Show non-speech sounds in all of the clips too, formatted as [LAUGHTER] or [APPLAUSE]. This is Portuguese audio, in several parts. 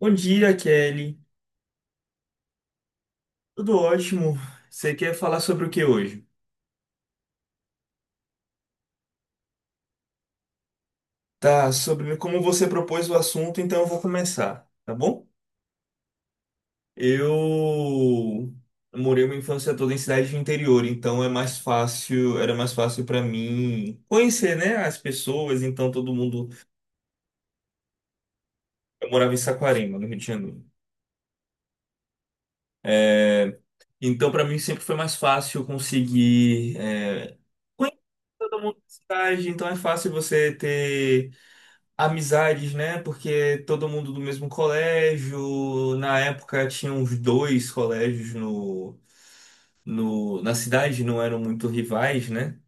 Bom dia, Kelly. Tudo ótimo. Você quer falar sobre o que hoje? Tá, sobre como você propôs o assunto, então eu vou começar, tá bom? Eu morei uma infância toda em cidade de interior, então era mais fácil para mim conhecer, né, as pessoas, então todo mundo, eu morava em Saquarema, no Rio de Janeiro. É, então para mim sempre foi mais fácil conseguir conhecer todo mundo da cidade, então é fácil você ter amizades, né? Porque todo mundo do mesmo colégio. Na época tinha uns dois colégios no, na cidade, não eram muito rivais, né?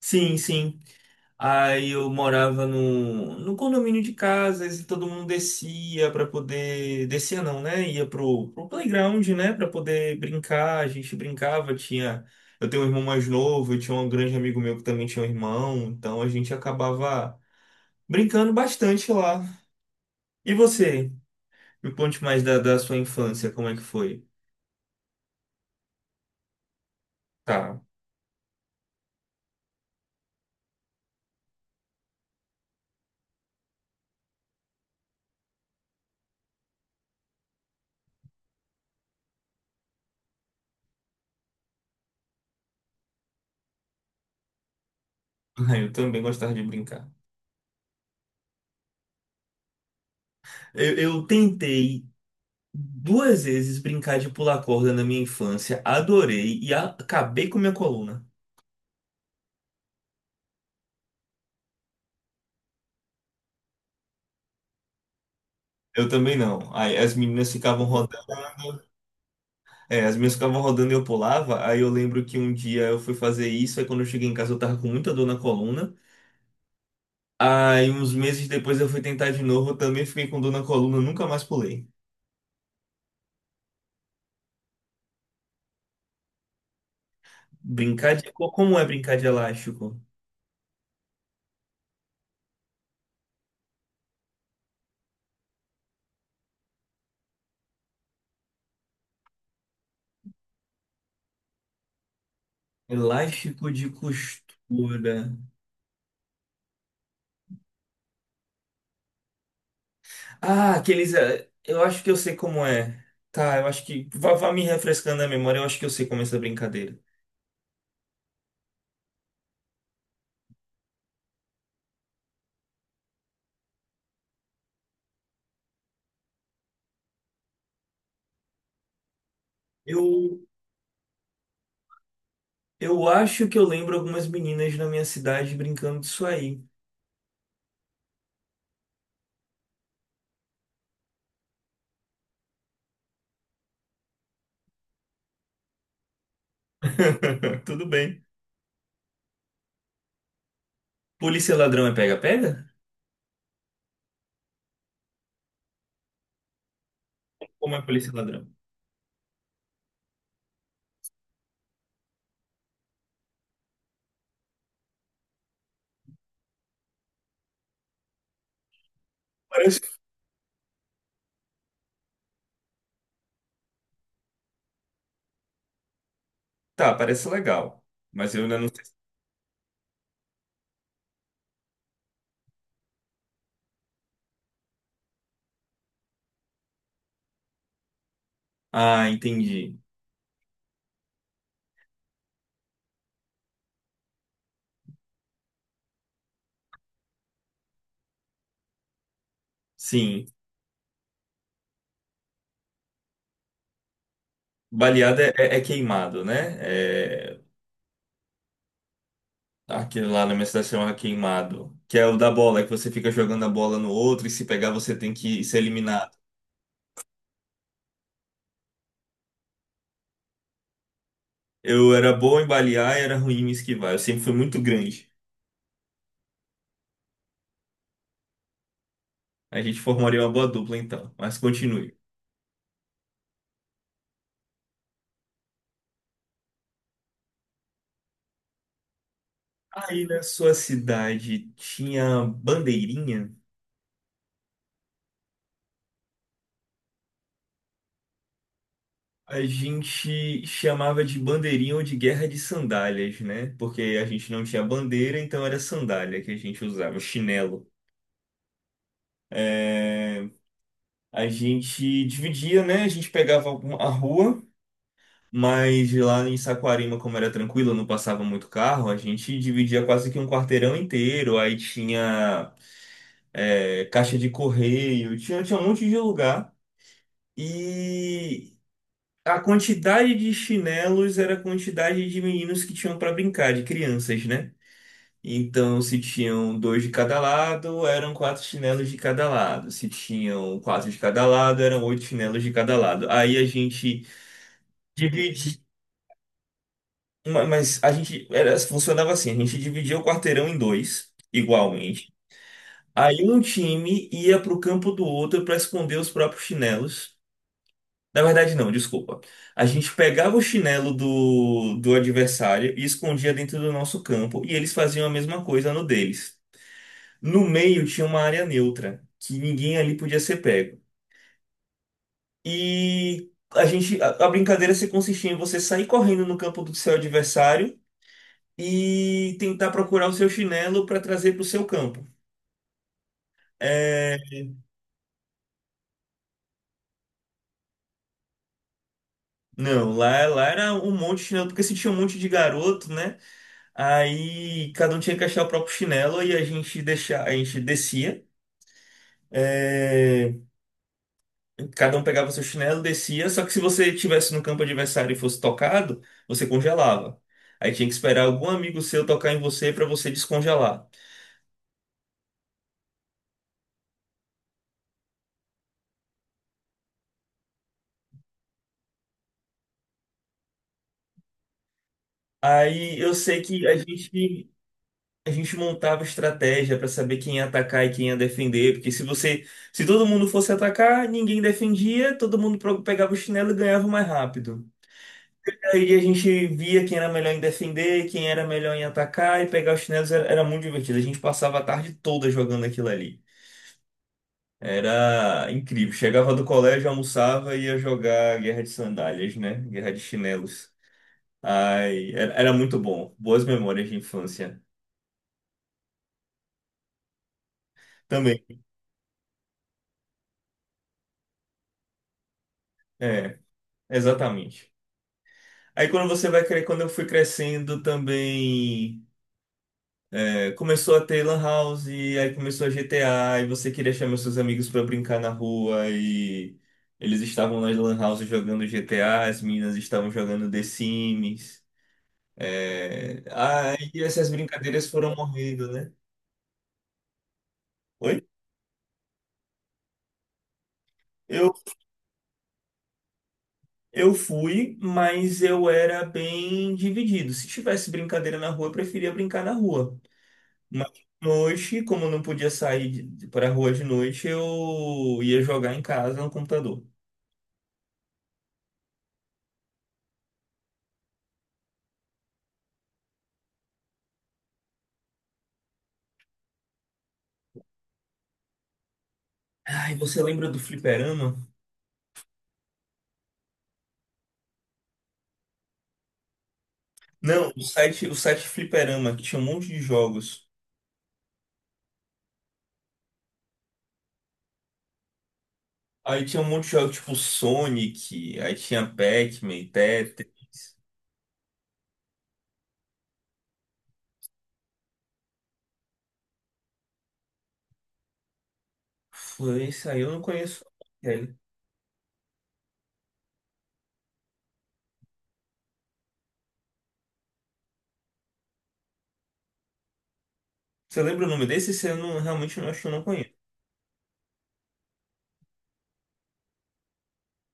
Sim, sim. Aí eu morava no condomínio de casas e todo mundo descia para poder. Descia não, né? Ia pro playground, né? Para poder brincar. A gente brincava, tinha. Eu tenho um irmão mais novo, eu tinha um grande amigo meu que também tinha um irmão, então a gente acabava brincando bastante lá. E você? Me conte mais da sua infância, como é que foi? Tá. [LAUGHS] Eu também gostava de brincar. Eu tentei duas vezes brincar de pular corda na minha infância, adorei e acabei com minha coluna. Eu também não. Aí as meninas ficavam rodando. É, as minhas ficavam rodando e eu pulava. Aí eu lembro que um dia eu fui fazer isso. Aí quando eu cheguei em casa eu tava com muita dor na coluna. Aí uns meses depois eu fui tentar de novo. Eu também fiquei com dor na coluna. Nunca mais pulei. Brincar de. Como é brincar de elástico? Elástico de costura. Ah, aqueles. Eu acho que eu sei como é. Tá, eu acho que. Vá, vá me refrescando a memória, eu acho que eu sei como é essa brincadeira. Eu, eu acho que eu lembro algumas meninas na minha cidade brincando disso aí. [LAUGHS] Tudo bem. Polícia e ladrão é pega-pega? Como é polícia e ladrão? Parece. Tá, parece legal. Mas eu ainda não sei. Ah, entendi. Sim. Baleada é queimado, né? É, aquele lá na minha cidade chama queimado, que é o da bola, que você fica jogando a bola no outro e se pegar você tem que ser eliminado. Eu era bom em balear e era ruim em esquivar. Eu sempre fui muito grande. A gente formaria uma boa dupla então, mas continue. Aí na sua cidade tinha bandeirinha? A gente chamava de bandeirinha ou de guerra de sandálias, né? Porque a gente não tinha bandeira, então era sandália que a gente usava, chinelo. É, a gente dividia, né? A gente pegava a rua. Mas lá em Saquarema, como era tranquilo, não passava muito carro, a gente dividia quase que um quarteirão inteiro. Aí tinha caixa de correio, tinha um monte de lugar. E a quantidade de chinelos era a quantidade de meninos que tinham para brincar, de crianças, né? Então, se tinham dois de cada lado, eram quatro chinelos de cada lado. Se tinham quatro de cada lado, eram oito chinelos de cada lado. Aí a gente dividia. Ma- Mas a gente funcionava assim, a gente dividia o quarteirão em dois, igualmente. Aí um time ia pro campo do outro para esconder os próprios chinelos. Na verdade, não, desculpa. A gente pegava o chinelo do adversário e escondia dentro do nosso campo, e eles faziam a mesma coisa no deles. No meio tinha uma área neutra, que ninguém ali podia ser pego. E a brincadeira se consistia em você sair correndo no campo do seu adversário e tentar procurar o seu chinelo para trazer para o seu campo. É, não, lá era um monte de chinelo, porque se tinha um monte de garoto, né? Aí cada um tinha que achar o próprio chinelo e a gente descia. é, Cada um pegava seu chinelo, descia. Só que se você estivesse no campo adversário e fosse tocado, você congelava. Aí tinha que esperar algum amigo seu tocar em você para você descongelar. Aí eu sei que a gente. A gente montava estratégia para saber quem ia atacar e quem ia defender, porque se todo mundo fosse atacar, ninguém defendia, todo mundo pegava o chinelo e ganhava mais rápido. Aí a gente via quem era melhor em defender, quem era melhor em atacar e pegar os chinelos era muito divertido. A gente passava a tarde toda jogando aquilo ali. Era incrível. Chegava do colégio, almoçava e ia jogar Guerra de Sandálias, né? Guerra de Chinelos. Ai, era muito bom. Boas memórias de infância. Também, é, exatamente. Aí quando você vai crer, quando eu fui crescendo também, começou a ter Lan House, e aí começou a GTA, e você queria chamar seus amigos pra brincar na rua, e eles estavam nas Lan House jogando GTA, as meninas estavam jogando The Sims. É... Aí essas brincadeiras foram morrendo, né? Oi? Eu, eu fui, mas eu era bem dividido. Se tivesse brincadeira na rua, eu preferia brincar na rua. Mas de noite, como eu não podia sair para rua de noite, eu ia jogar em casa no computador. Ai, você lembra do Fliperama? Não, o site Fliperama, que tinha um monte de jogos. Aí tinha um monte de jogos tipo Sonic, aí tinha Pac-Man, Tetris. Foi isso aí, eu não conheço. É. Você lembra o nome desse? Esse eu não, realmente não acho que eu não conheço.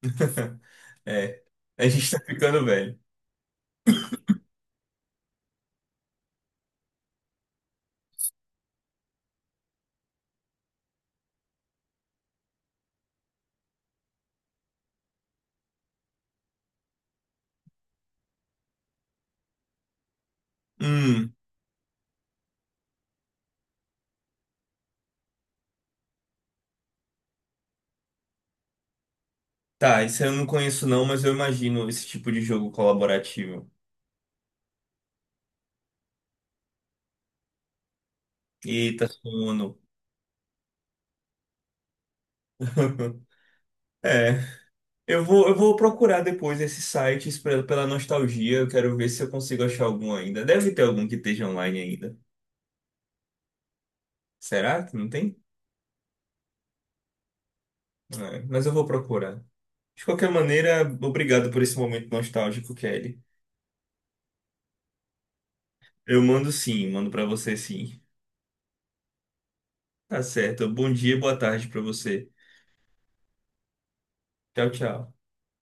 [LAUGHS] É, a gente tá ficando velho. Hum, tá, isso eu não conheço não, mas eu imagino esse tipo de jogo colaborativo. Eita, sono. [LAUGHS] É, eu vou procurar depois esses sites pela nostalgia. Eu quero ver se eu consigo achar algum ainda. Deve ter algum que esteja online ainda. Será que não tem? É, mas eu vou procurar. De qualquer maneira, obrigado por esse momento nostálgico, Kelly. Eu mando sim, mando pra você sim. Tá certo. Bom dia e boa tarde pra você. Tchau, tchau.